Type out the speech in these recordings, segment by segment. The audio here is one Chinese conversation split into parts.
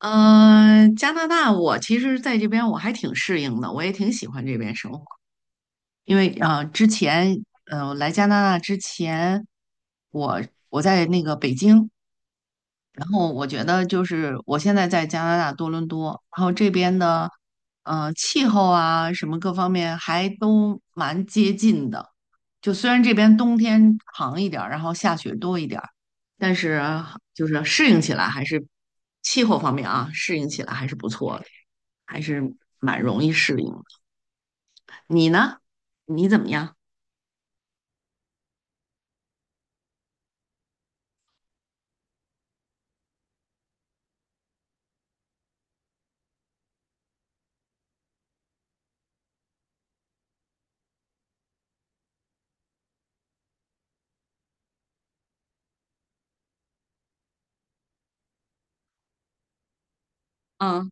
嗯，加拿大，我其实在这边我还挺适应的，我也挺喜欢这边生活。因为啊，之前来加拿大之前，我我在那个北京，然后我觉得就是我现在在加拿大多伦多，然后这边的气候啊什么各方面还都蛮接近的。就虽然这边冬天长一点儿，然后下雪多一点儿，但是就是适应起来还是气候方面啊，适应起来还是不错的。还是蛮容易适应的。你呢？你怎么样？嗯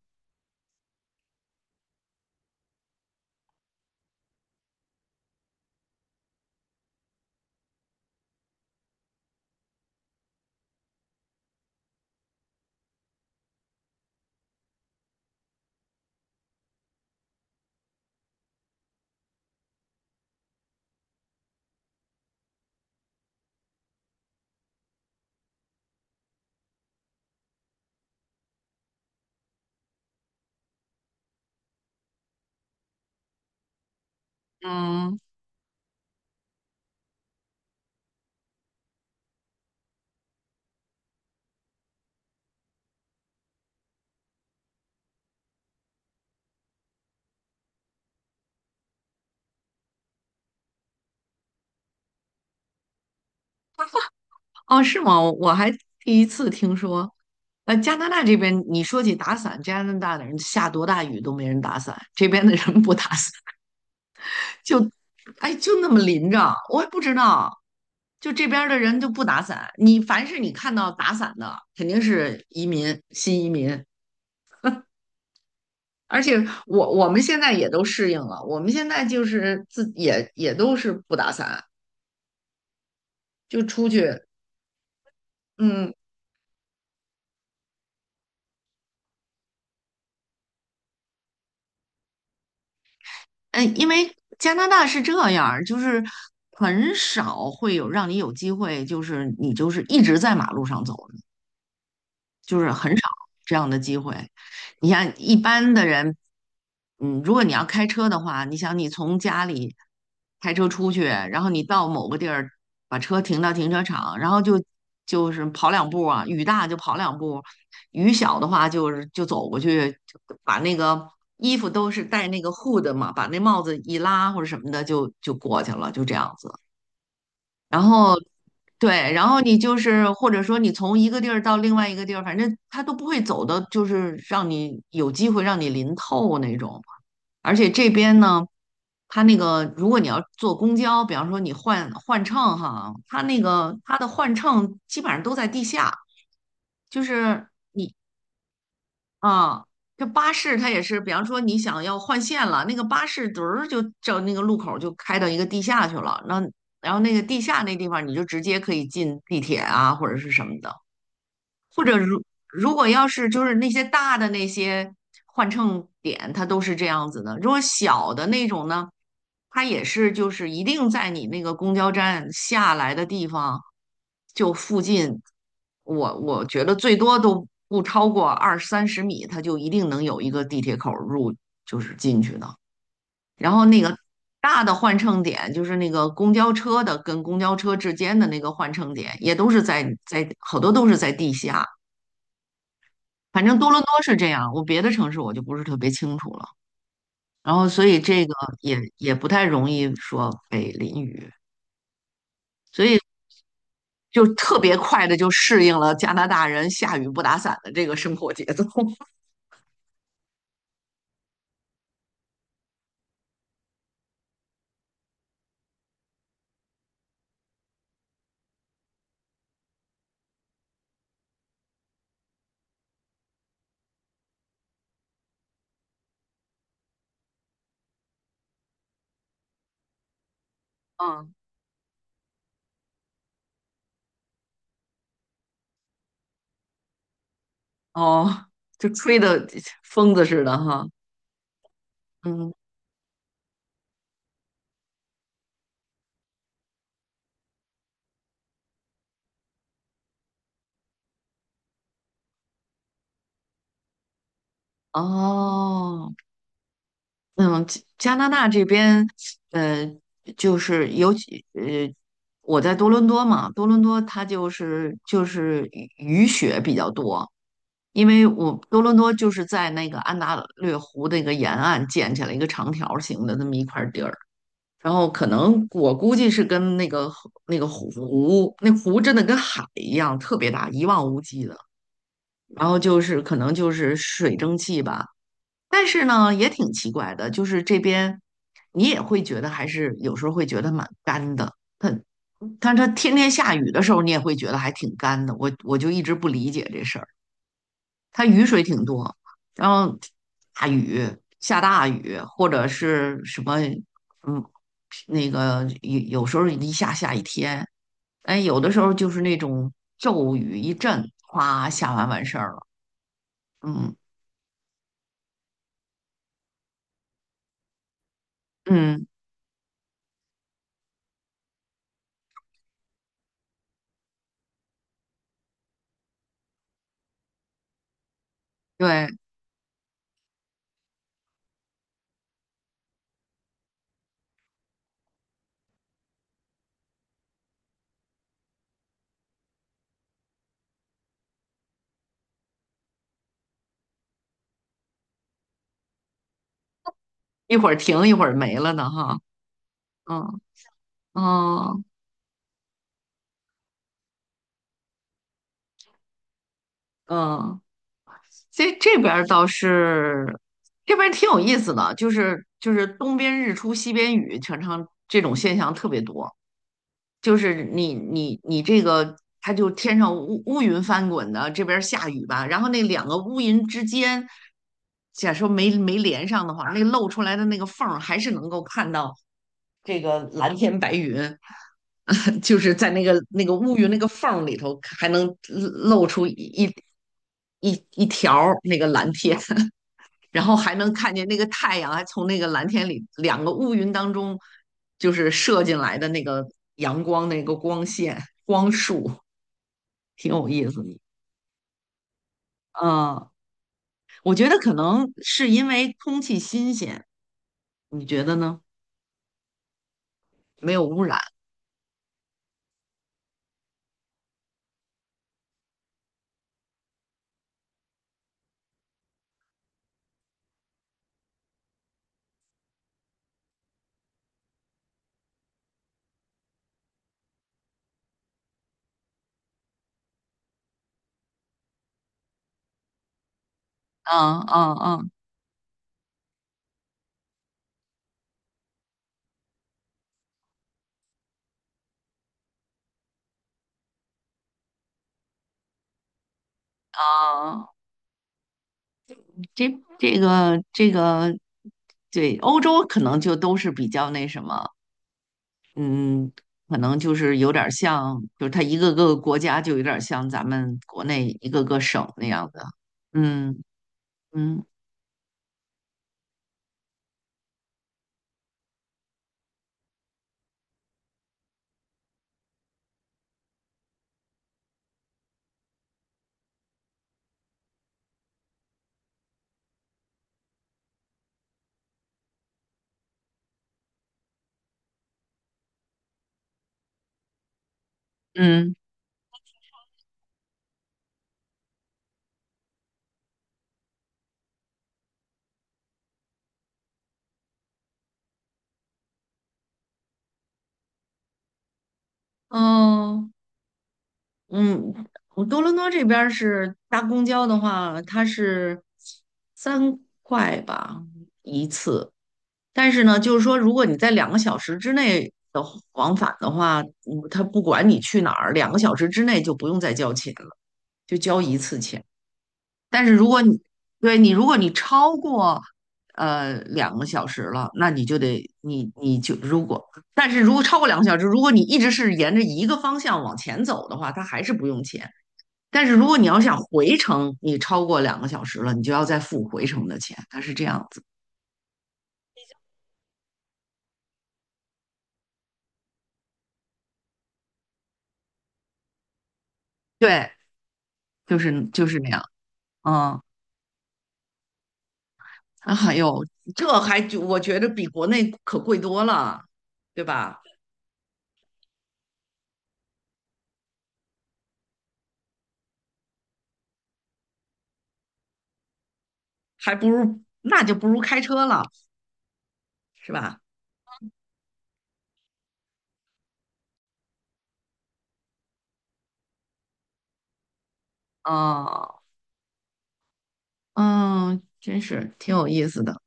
嗯，哦，是吗？我还第一次听说，加拿大这边你说起打伞，加拿大的人下多大雨都没人打伞，这边的人不打伞，就，哎，就那么淋着，我也不知道，就这边儿的人就不打伞，你凡是你看到打伞的，肯定是移民，新移民。而且我们现在也都适应了，我们现在就是自也都是不打伞，就出去，嗯，嗯因为加拿大是这样儿就是很少会有让你有机会，就是你就是一直在马路上走就是很少这样的机会。你像一般的人，嗯，如果你要开车的话，你想你从家里开车出去，然后你到某个地儿，把车停到停车场，然后就就是跑两步啊，雨大就跑两步，雨小的话就是就走过去，就把那个衣服都是戴那个 hood 嘛，把那帽子一拉或者什么的就过去了，就这样子。然后对，然后你就是或者说你从一个地儿到另外一个地儿，反正他都不会走的，就是让你有机会让你淋透那种。而且这边呢，它那个如果你要坐公交，比方说你换乘哈，它那个它的换乘基本上都在地下，就是啊，这巴士它也是，比方说你想要换线了，那个巴士嘚儿就照那个路口就开到一个地下去了，那然后那个地下那地方你就直接可以进地铁啊或者是什么的。或者如果要是就是那些大的那些换乘点，它都是这样子的。如果小的那种呢，它也是就是一定在你那个公交站下来的地方就附近，我觉得最多都不超过二三十米，它就一定能有一个地铁口入就是进去的。然后那个大的换乘点，就是那个公交车的跟公交车之间的那个换乘点，也都是在好多都是在地下。反正多伦多是这样，我别的城市我就不是特别清楚了。然后，所以这个也不太容易说被淋雨，就特别快的就适应了加拿大人下雨不打伞的这个生活节奏。嗯，哦，就吹的 疯子似的哈。嗯，哦。嗯，加拿大这边，呃，就是尤其我在多伦多嘛，多伦多它就是雨雪比较多，因为我多伦多就是在那个安大略湖那个沿岸建起来一个长条形的那么一块地儿，然后可能我估计是跟那个湖那个湖，那湖真的跟海一样特别大，一望无际的，然后就是可能就是水蒸气吧。但是呢，也挺奇怪的，就是这边你也会觉得还是有时候会觉得蛮干的。它，但它天天下雨的时候，你也会觉得还挺干的。我就一直不理解这事儿。它雨水挺多，然后大雨下大雨，或者是什么，嗯，那个有时候一下下一天，哎，有的时候就是那种骤雨一阵，哗，下完完事儿了。嗯嗯，对，一会儿停一会儿没了呢，哈。嗯嗯嗯，这边儿倒是，这边儿挺有意思的，就是东边日出西边雨，常常这种现象特别多。就是你这个，它就天上乌云翻滚的，这边儿下雨吧，然后那两个乌云之间，假说没连上的话，那露出来的那个缝儿还是能够看到这个蓝天白云，就是在那个乌云那个缝儿里头，还能露出一条儿那个蓝天。然后还能看见那个太阳还从那个蓝天里两个乌云当中，就是射进来的那个阳光那个光线光束，挺有意思的。嗯，我觉得可能是因为空气新鲜，你觉得呢？没有污染。嗯嗯嗯嗯，这这个，对，欧洲可能就都是比较那什么，嗯，可能就是有点儿像，就是它一个个国家就有点儿像咱们国内一个个省那样的。嗯嗯嗯，哦，嗯，我多伦多这边儿是搭公交的话，它是3块吧一次，但是呢，就是说如果你在两个小时之内的往返的话，嗯，它不管你去哪儿，两个小时之内就不用再交钱了，就交一次钱。但是如果你对你，如果你超过两个小时了，那你就得你就如果，但是如果超过两个小时，如果你一直是沿着一个方向往前走的话，它还是不用钱。但是如果你要想回程，你超过两个小时了，你就要再付回程的钱，它是这样子。对，就是那样。嗯，啊哎呦，这还就我觉得比国内可贵多了，对吧？还不如那就不如开车了，是吧？嗯。嗯，真是挺有意思的。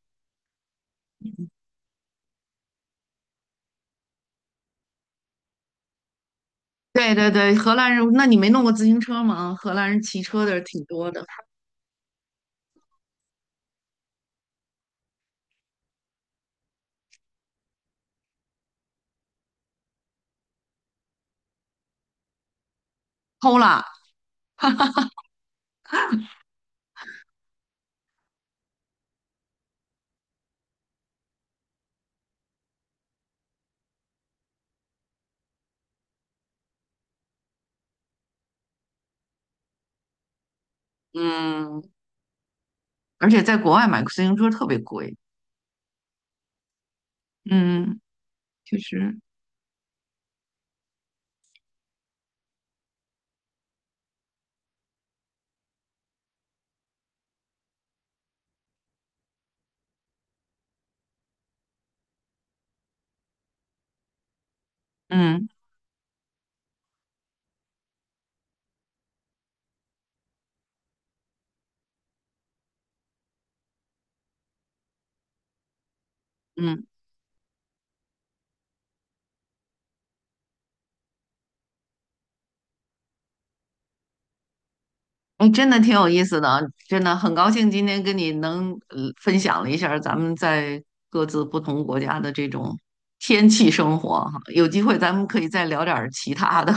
对对对，荷兰人，那你没弄过自行车吗？荷兰人骑车的挺多的偷了。嗯，而且在国外买个自行车特别贵，嗯，确实，嗯嗯，哎，真的挺有意思的啊，真的很高兴今天跟你能分享了一下儿咱们在各自不同国家的这种天气生活哈，有机会咱们可以再聊点儿其他的。